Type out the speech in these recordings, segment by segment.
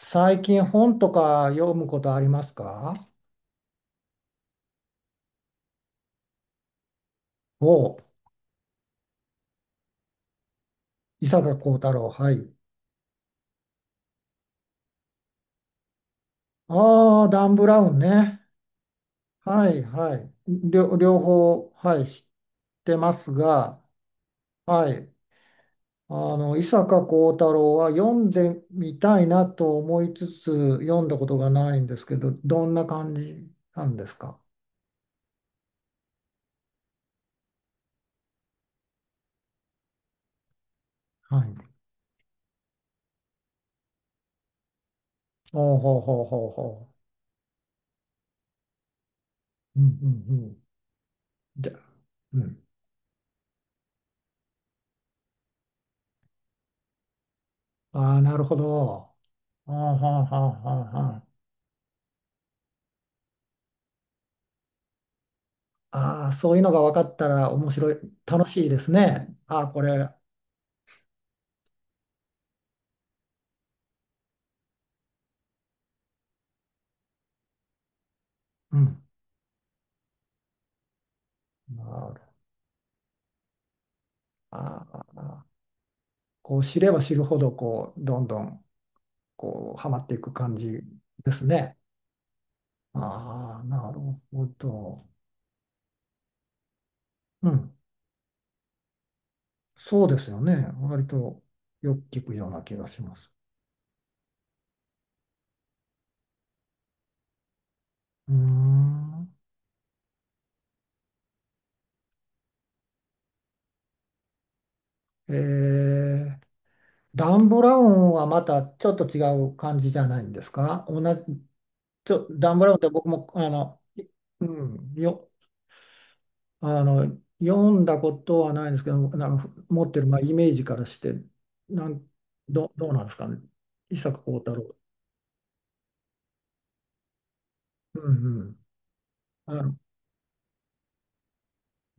最近本とか読むことありますか？おう、伊坂幸太郎、はい。ああ、ダン・ブラウンね。はい、はい。両方、はい、知ってますが、はい。伊坂幸太郎は読んでみたいなと思いつつ、読んだことがないんですけど、どんな感じなんですか？はい。ほうほうほうほうほう。うんうんうん。で、うん。ああ、なるほど。はあはあはあはあは、ああ、そういうのが分かったら面白い、楽しいですね。ああ、これ、うん。なるああ、こう知れば知るほど、こう、どんどん、こう、はまっていく感じですね。ああ、なるほど。うん。そうですよね。割とよく聞くような気がします。うーん。えー、ダン・ブラウンはまたちょっと違う感じじゃないんですか？同じ、ダン・ブラウンって僕も、あの、うん、よ、あの、読んだことはないんですけど、なんか持ってる、まあ、イメージからして、なん、ど、どうなんですかね。伊坂幸太郎。うんうん。あの、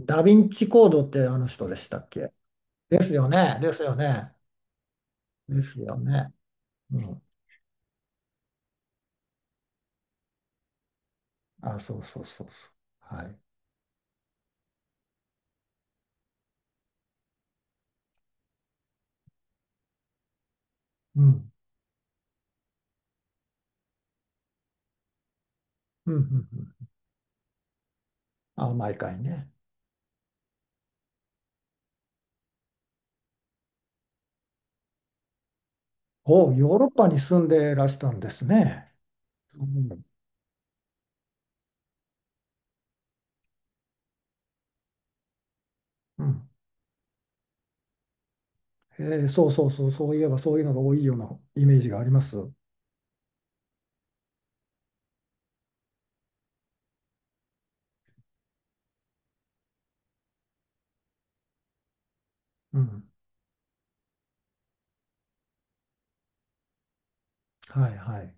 ダヴィンチコードってあの人でしたっけ？ですよね。ですよね。ですよね。うん。あ、そうそうそうそう。はい。うん。うんうんうん。あ、毎回ね。お、ヨーロッパに住んでらしたんですね。うん。うん。そうそうそう、そういえばそういうのが多いようなイメージがあります。うん。はいはい。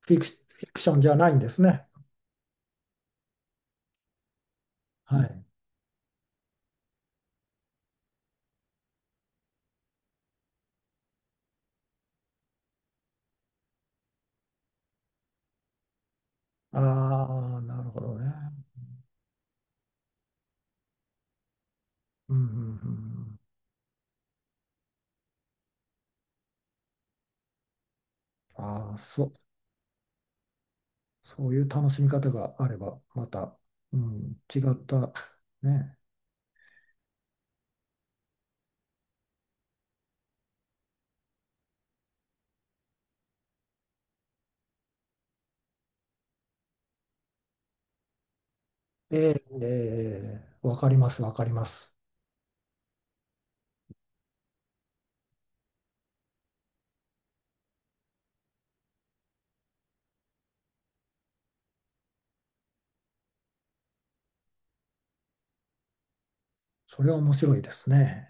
フィクションじゃないんですね。はい。ああ、なるほどね。うんうんうん。ああ、そう、そういう楽しみ方があれば、また、うん、違った、ね。ええ、ええわかります、わかります。それは面白いですね。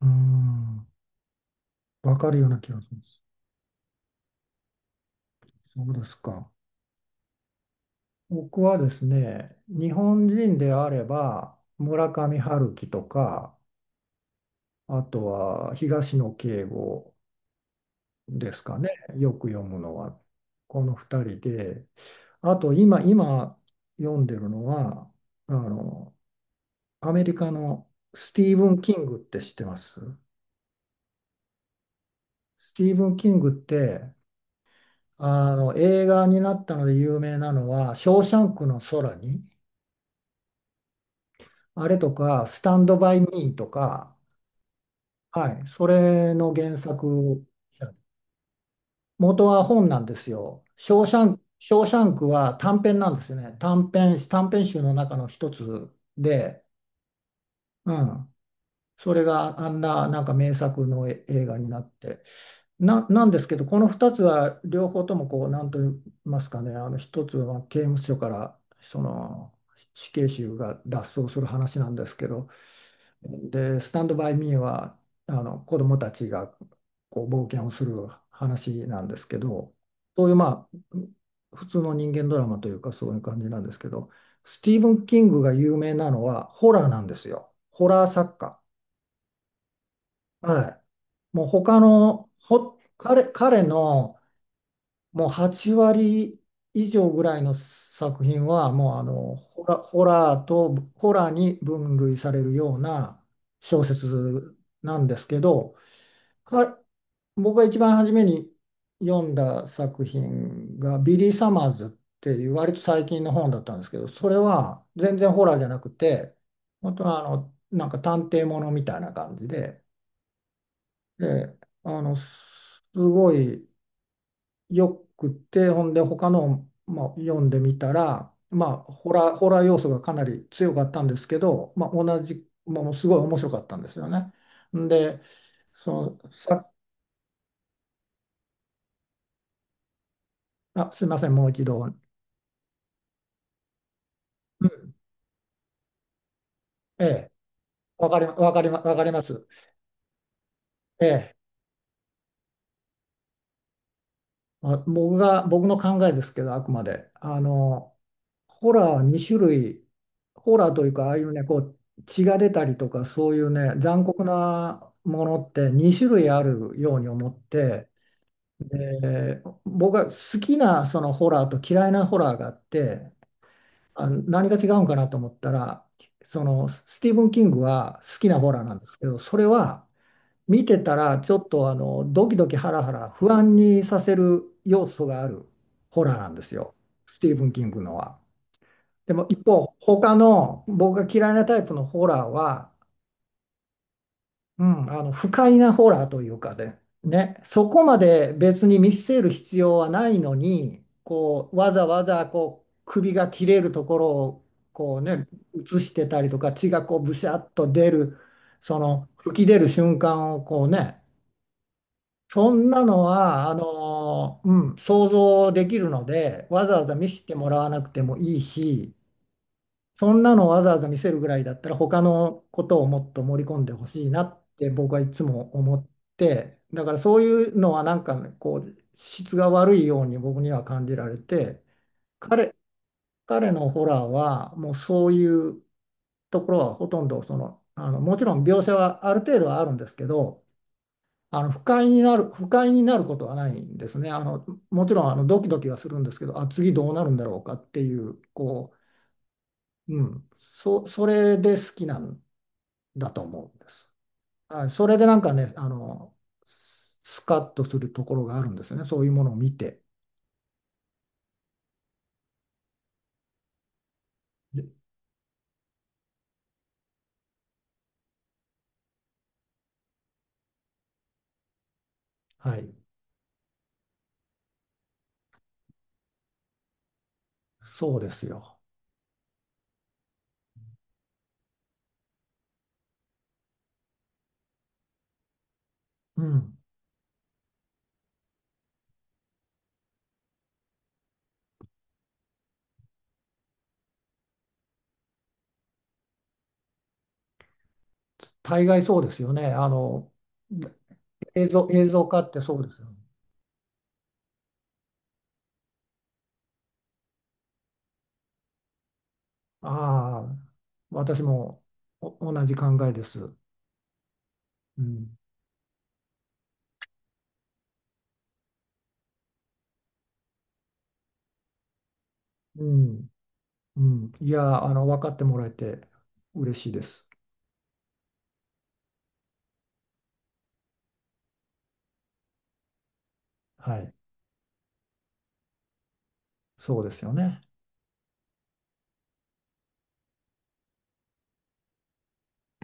うん、わかるような気がします。そうですか。僕はですね、日本人であれば、村上春樹とか、あとは東野圭吾、ですかね、よく読むのは、この2人で、あと今読んでるのは、あの、アメリカのスティーブン・キングって知ってます？スティーブン・キングって、映画になったので有名なのは、ショーシャンクの空に、あれとか、スタンド・バイ・ミーとか、はい、それの原作元は本なんですよ。ショーシャンクは短編なんですよね。短編集の中の一つで、うん。それがあんな、なんか名作の映画になって。なんですけど、この二つは両方ともこう、なんと言いますかね、あの一つは刑務所から、死刑囚が脱走する話なんですけど、で、スタンドバイミーはあの子どもたちがこう冒険をする話なんですけど、そういうまあ普通の人間ドラマというかそういう感じなんですけど、スティーブン・キングが有名なのはホラーなんですよ。ホラー作家。はい。もう他のほ彼のもう8割以上ぐらいの作品はもうホラーとホラーに分類されるような小説なんですけど、か僕が一番初めに読んだ作品がビリー・サマーズっていう割と最近の本だったんですけど、それは全然ホラーじゃなくて、本当はなんか探偵ものみたいな感じで、で、すごいよくて、ほんで他の、まあ、読んでみたら、まあ、ホラー要素がかなり強かったんですけど、まあ、同じ、ものすごい面白かったんですよね。んで、その、さ、あ、すいません、もう一度。うん、ええ、わかります。ええ、まあ、僕の考えですけど、あくまで。ホラーは2種類、ホラーというか、ああいうね、こう、血が出たりとか、そういうね、残酷なものって2種類あるように思って、で、僕が好きなそのホラーと嫌いなホラーがあって、あ、何が違うんかなと思ったら、スティーブン・キングは好きなホラーなんですけど、それは、見てたらちょっとドキドキハラハラ不安にさせる要素があるホラーなんですよ、スティーブン・キングのは。でも一方他の僕が嫌いなタイプのホラーは、不快なホラーというかで、ね、そこまで別に見せる必要はないのにこうわざわざこう首が切れるところをこう、ね、映してたりとか血がこうブシャッと出るその吹き出る瞬間をこうね、そんなのは、想像できるので、わざわざ見せてもらわなくてもいいし、そんなのわざわざ見せるぐらいだったら、他のことをもっと盛り込んでほしいなって僕はいつも思って、だからそういうのはなんかね、こう、質が悪いように僕には感じられて、彼、彼のホラーは、もうそういうところはほとんど、もちろん描写はある程度はあるんですけど、不快になることはないんですね。もちろんドキドキはするんですけど、あ、次どうなるんだろうかっていう、こう、それで好きなんだと思うんです。はい、それでなんかね、スカッとするところがあるんですよね。そういうものを見て。で、はい、そうですよ。うん、大概そうですよね。映像化ってそうですよね。ああ、私も同じ考えです。うん。うんうん、いや、分かってもらえて嬉しいです。はい、そうですよね。